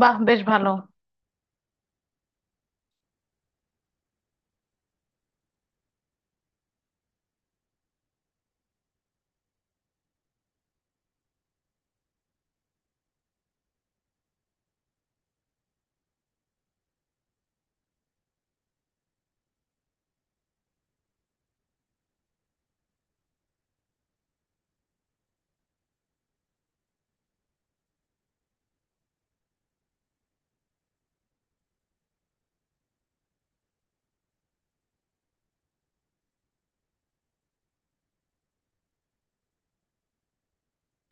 বাহ, বেশ ভালো।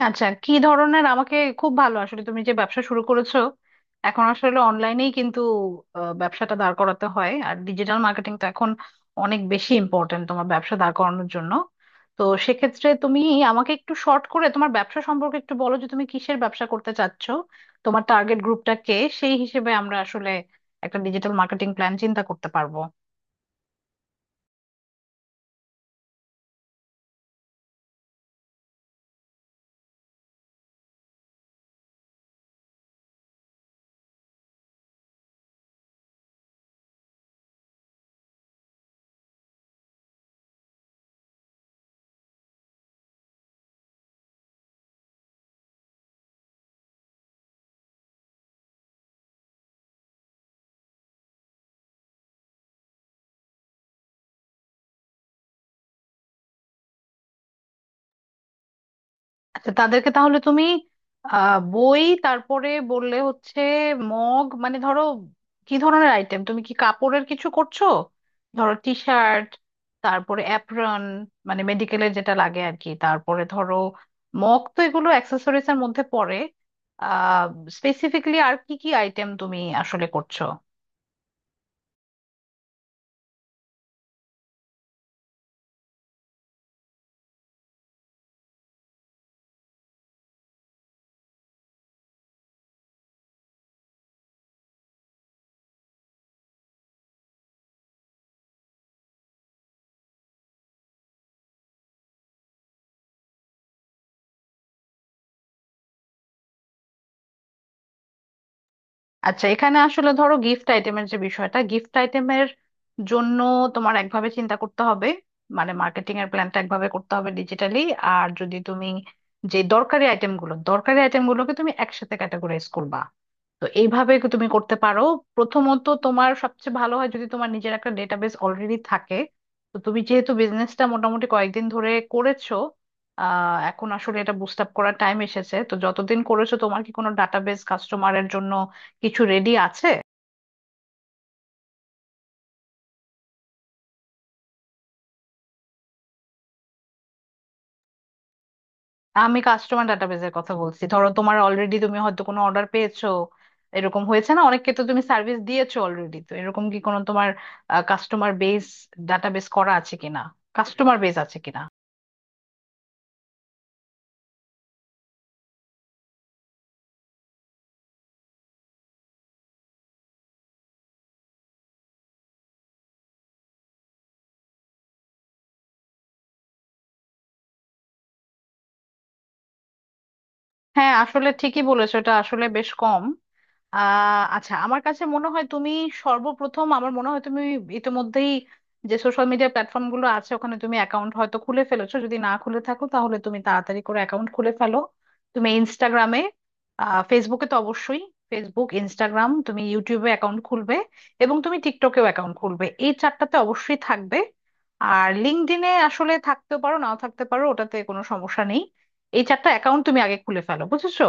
আচ্ছা, কি ধরনের? আমাকে খুব ভালো, আসলে তুমি যে ব্যবসা শুরু করেছো এখন আসলে অনলাইনেই কিন্তু ব্যবসাটা দাঁড় করাতে হয়, আর ডিজিটাল মার্কেটিং তো এখন অনেক বেশি ইম্পর্ট্যান্ট তোমার ব্যবসা দাঁড় করানোর জন্য। তো সেক্ষেত্রে তুমি আমাকে একটু শর্ট করে তোমার ব্যবসা সম্পর্কে একটু বলো যে তুমি কিসের ব্যবসা করতে চাচ্ছ, তোমার টার্গেট গ্রুপটা কে। সেই হিসেবে আমরা আসলে একটা ডিজিটাল মার্কেটিং প্ল্যান চিন্তা করতে পারবো। আচ্ছা, তাদেরকে তাহলে তুমি বই, তারপরে বললে হচ্ছে মগ, মানে ধরো কি ধরনের আইটেম? তুমি কি কাপড়ের কিছু করছো? ধরো টি শার্ট, তারপরে অ্যাপ্রন, মানে মেডিকেলের যেটা লাগে আর কি, তারপরে ধরো মগ, তো এগুলো অ্যাক্সেসরিজ এর মধ্যে পড়ে। আহ স্পেসিফিকলি আর কি কি আইটেম তুমি আসলে করছো? আচ্ছা, এখানে আসলে ধরো গিফট আইটেমের যে বিষয়টা, গিফট আইটেমের জন্য তোমার একভাবে চিন্তা করতে হবে, মানে মার্কেটিং এর প্ল্যানটা একভাবে করতে হবে ডিজিটালি। আর যদি তুমি যে দরকারি আইটেমগুলো, দরকারি আইটেমগুলোকে তুমি একসাথে ক্যাটাগরাইজ করবা। তো এইভাবে কি তুমি করতে পারো? প্রথমত তোমার সবচেয়ে ভালো হয় যদি তোমার নিজের একটা ডেটাবেস অলরেডি থাকে। তো তুমি যেহেতু বিজনেসটা মোটামুটি কয়েকদিন ধরে করেছো, এখন আসলে এটা বুস্ট আপ করার টাইম এসেছে। তো যতদিন করেছো তোমার কি কোনো ডাটাবেস কাস্টমারের জন্য কিছু রেডি আছে? আমি কাস্টমার ডাটাবেজের কথা বলছি, ধরো তোমার অলরেডি তুমি হয়তো কোনো অর্ডার পেয়েছো, এরকম হয়েছে না? অনেককে তো তুমি সার্ভিস দিয়েছো অলরেডি, তো এরকম কি কোনো তোমার কাস্টমার বেস, ডাটাবেস করা আছে কিনা, কাস্টমার বেস আছে কিনা। হ্যাঁ, আসলে ঠিকই বলেছো, এটা আসলে বেশ কম। আচ্ছা, আমার কাছে মনে হয় তুমি সর্বপ্রথম, আমার মনে হয় তুমি ইতিমধ্যেই যে সোশ্যাল মিডিয়া প্ল্যাটফর্ম গুলো আছে ওখানে তুমি অ্যাকাউন্ট হয়তো খুলে ফেলেছো, যদি না খুলে থাকো তাহলে তুমি তাড়াতাড়ি করে অ্যাকাউন্ট খুলে ফেলো। তুমি ইনস্টাগ্রামে, ফেসবুকে তো অবশ্যই, ফেসবুক, ইনস্টাগ্রাম, তুমি ইউটিউবে অ্যাকাউন্ট খুলবে, এবং তুমি টিকটকেও অ্যাকাউন্ট খুলবে, এই চারটাতে অবশ্যই থাকবে। আর লিঙ্কডইনে আসলে থাকতেও পারো, নাও থাকতে পারো, ওটাতে কোনো সমস্যা নেই। এই চারটা অ্যাকাউন্ট তুমি আগে খুলে ফেলো, বুঝেছো?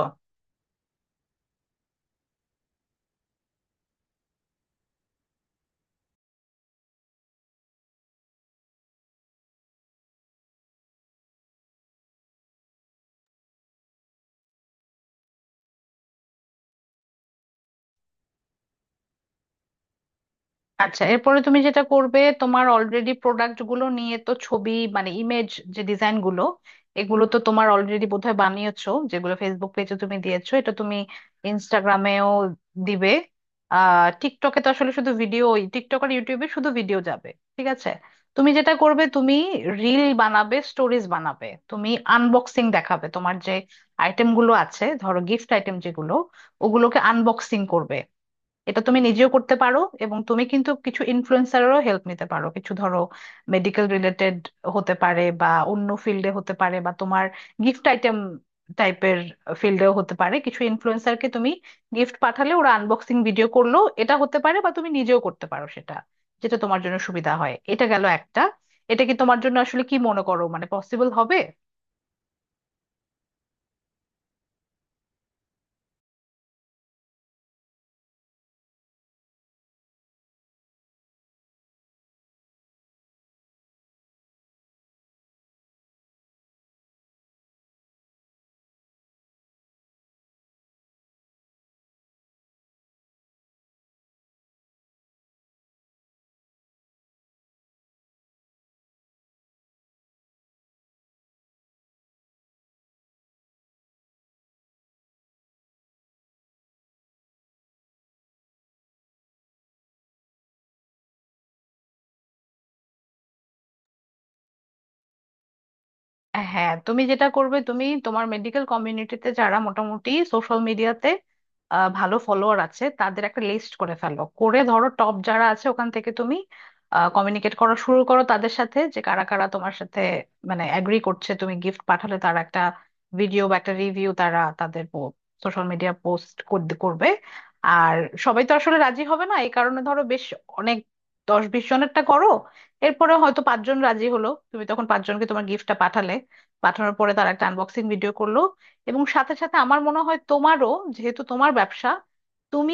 আচ্ছা, এরপরে তুমি যেটা করবে, তোমার অলরেডি প্রোডাক্ট গুলো নিয়ে তো ছবি, মানে ইমেজ, যে ডিজাইন গুলো এগুলো তো তোমার অলরেডি বোধহয় বানিয়েছো, যেগুলো ফেসবুক পেজে তুমি দিয়েছো, এটা তুমি ইনস্টাগ্রামেও দিবে। টিকটকে তো আসলে শুধু ভিডিও, টিকটক আর ইউটিউবে শুধু ভিডিও যাবে, ঠিক আছে? তুমি যেটা করবে, তুমি রিল বানাবে, স্টোরিজ বানাবে, তুমি আনবক্সিং দেখাবে। তোমার যে আইটেম গুলো আছে, ধরো গিফট আইটেম যেগুলো, ওগুলোকে আনবক্সিং করবে। এটা তুমি নিজেও করতে পারো, এবং তুমি কিন্তু কিছু ইনফ্লুয়েন্সারেরও হেল্প নিতে পারো। কিছু ধরো মেডিকেল রিলেটেড হতে পারে, বা অন্য ফিল্ডে হতে পারে, বা তোমার গিফট আইটেম টাইপের ফিল্ডেও হতে পারে। কিছু ইনফ্লুয়েন্সারকে তুমি গিফট পাঠালে ওরা আনবক্সিং ভিডিও করলো, এটা হতে পারে, বা তুমি নিজেও করতে পারো সেটা, যেটা তোমার জন্য সুবিধা হয়। এটা গেল একটা। এটা কি তোমার জন্য আসলে, কি মনে করো, মানে পসিবল হবে? হ্যাঁ, তুমি যেটা করবে, তুমি তোমার মেডিকেল কমিউনিটিতে যারা মোটামুটি সোশ্যাল মিডিয়াতে ভালো ফলোয়ার আছে তাদের একটা লিস্ট করে ফেলো, করে ধরো টপ যারা আছে ওখান থেকে তুমি কমিউনিকেট করা শুরু করো তাদের সাথে, যে কারা কারা তোমার সাথে মানে অ্যাগ্রি করছে তুমি গিফট পাঠালে তারা একটা ভিডিও বা একটা রিভিউ তারা তাদের সোশ্যাল মিডিয়া পোস্ট করবে। আর সবাই তো আসলে রাজি হবে না, এই কারণে ধরো বেশ অনেক, দশ বিশ জনেরটা করো, এরপরে হয়তো পাঁচজন রাজি হলো, তুমি তখন পাঁচজনকে তোমার গিফটটা পাঠালে, পাঠানোর পরে তারা একটা আনবক্সিং ভিডিও করলো। এবং সাথে সাথে আমার মনে হয় তোমারও, যেহেতু তোমার ব্যবসা, তুমি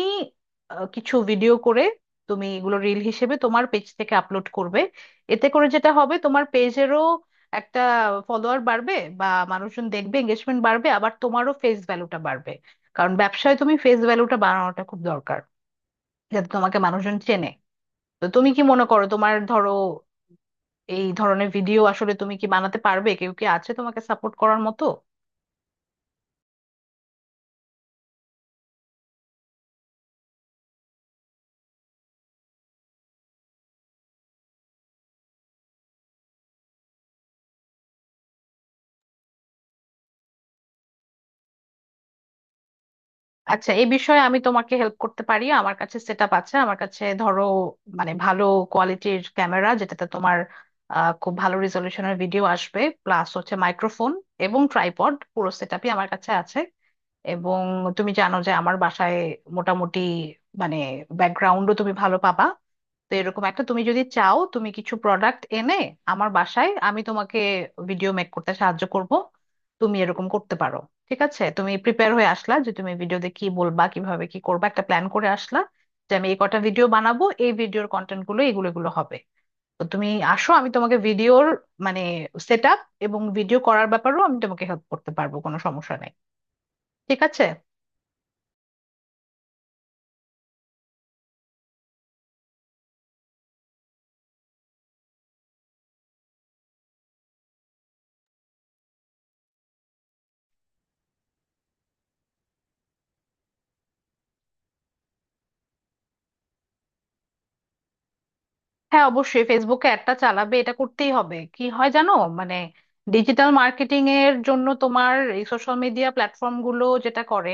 কিছু ভিডিও করে তুমি এগুলো রিল হিসেবে তোমার পেজ থেকে আপলোড করবে। এতে করে যেটা হবে, তোমার পেজেরও একটা ফলোয়ার বাড়বে, বা মানুষজন দেখবে, এঙ্গেজমেন্ট বাড়বে, আবার তোমারও ফেস ভ্যালুটা বাড়বে। কারণ ব্যবসায় তুমি ফেস ভ্যালুটা বাড়ানোটা খুব দরকার, যাতে তোমাকে মানুষজন চেনে। তো তুমি কি মনে করো, তোমার ধরো এই ধরনের ভিডিও আসলে তুমি কি বানাতে পারবে? কেউ কি আছে তোমাকে সাপোর্ট করার মতো? আচ্ছা, এই বিষয়ে আমি তোমাকে হেল্প করতে পারি। আমার কাছে সেট আপ আছে, আমার কাছে ধরো মানে ভালো কোয়ালিটির ক্যামেরা যেটাতে তোমার খুব ভালো রেজলিউশনের ভিডিও আসবে, প্লাস হচ্ছে মাইক্রোফোন এবং ট্রাইপড, পুরো সেট আপই আমার কাছে আছে। এবং তুমি জানো যে আমার বাসায় মোটামুটি, মানে ব্যাকগ্রাউন্ডও তুমি ভালো পাবা। তো এরকম একটা, তুমি যদি চাও তুমি কিছু প্রোডাক্ট এনে আমার বাসায়, আমি তোমাকে ভিডিও মেক করতে সাহায্য করব। তুমি এরকম করতে পারো, ঠিক আছে? তুমি প্রিপেয়ার হয়ে আসলা যে তুমি ভিডিওতে কি বলবা, কিভাবে কি করবা, একটা প্ল্যান করে আসলা যে আমি এই কটা ভিডিও বানাবো, এই ভিডিওর কন্টেন্ট গুলো এগুলো এগুলো হবে। তো তুমি আসো, আমি তোমাকে ভিডিওর মানে সেট আপ এবং ভিডিও করার ব্যাপারেও আমি তোমাকে হেল্প করতে পারবো, কোনো সমস্যা নেই, ঠিক আছে? হ্যাঁ, অবশ্যই ফেসবুকে অ্যাডটা চালাবে, এটা করতেই হবে। কি হয় জানো, মানে ডিজিটাল মার্কেটিং এর জন্য তোমার এই সোশ্যাল মিডিয়া প্ল্যাটফর্ম গুলো যেটা করে,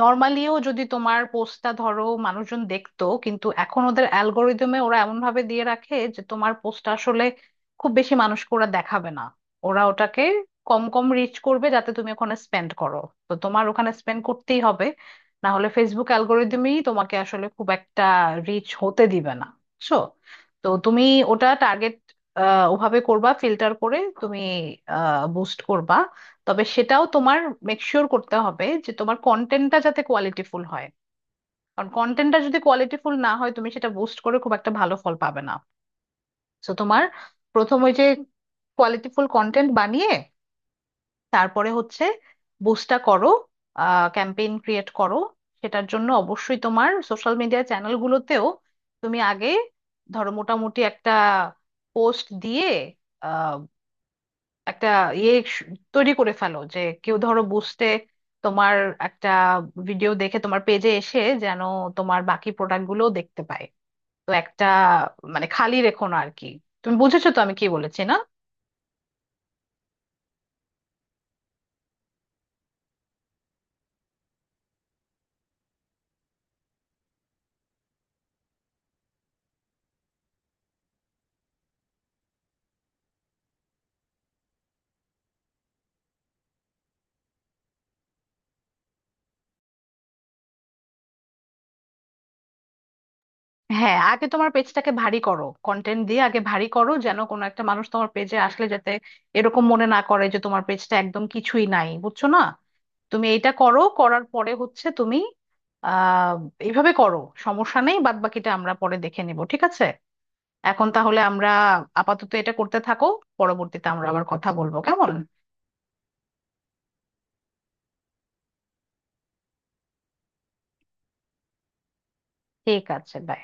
নর্মালিও যদি তোমার পোস্টটা ধরো মানুষজন দেখতো, কিন্তু এখন ওদের অ্যালগোরিদমে ওরা এমন ভাবে দিয়ে রাখে যে তোমার পোস্টটা আসলে খুব বেশি মানুষকে ওরা দেখাবে না, ওরা ওটাকে কম কম রিচ করবে, যাতে তুমি ওখানে স্পেন্ড করো। তো তোমার ওখানে স্পেন্ড করতেই হবে, না হলে ফেসবুক অ্যালগোরিদমই তোমাকে আসলে খুব একটা রিচ হতে দিবে না, বুঝছো? তো তুমি ওটা টার্গেট, ওভাবে করবা, ফিল্টার করে তুমি বুস্ট করবা। তবে সেটাও তোমার মেক শিওর করতে হবে যে তোমার কন্টেন্টটা যাতে কোয়ালিটিফুল হয়, কারণ কন্টেন্টটা যদি কোয়ালিটিফুল না হয় তুমি সেটা বুস্ট করে খুব একটা ভালো ফল পাবে না। তো তোমার প্রথম ওই যে কোয়ালিটিফুল কন্টেন্ট বানিয়ে, তারপরে হচ্ছে বুস্টটা করো, ক্যাম্পেইন ক্রিয়েট করো। সেটার জন্য অবশ্যই তোমার সোশ্যাল মিডিয়া চ্যানেলগুলোতেও তুমি আগে ধরো মোটামুটি একটা পোস্ট দিয়ে একটা ইয়ে স- তৈরি করে ফেলো, যে কেউ ধরো বুঝতে, তোমার একটা ভিডিও দেখে তোমার পেজে এসে যেন তোমার বাকি প্রোডাক্ট গুলো দেখতে পায়। তো একটা মানে খালি রেখো না আর কি। তুমি বুঝেছো তো আমি কি বলেছি না? হ্যাঁ, আগে তোমার পেজটাকে ভারী করো কন্টেন্ট দিয়ে, আগে ভারী করো যেন কোনো একটা মানুষ তোমার পেজে আসলে যাতে এরকম মনে না করে যে তোমার পেজটা একদম কিছুই নাই, বুঝছো না? তুমি এইটা করো, করার পরে হচ্ছে তুমি আহ এইভাবে করো, সমস্যা নেই, বাদ বাকিটা আমরা পরে দেখে নেব, ঠিক আছে? এখন তাহলে আমরা আপাতত এটা করতে থাকো, পরবর্তীতে আমরা আবার কথা বলবো, কেমন? ঠিক আছে, বাই।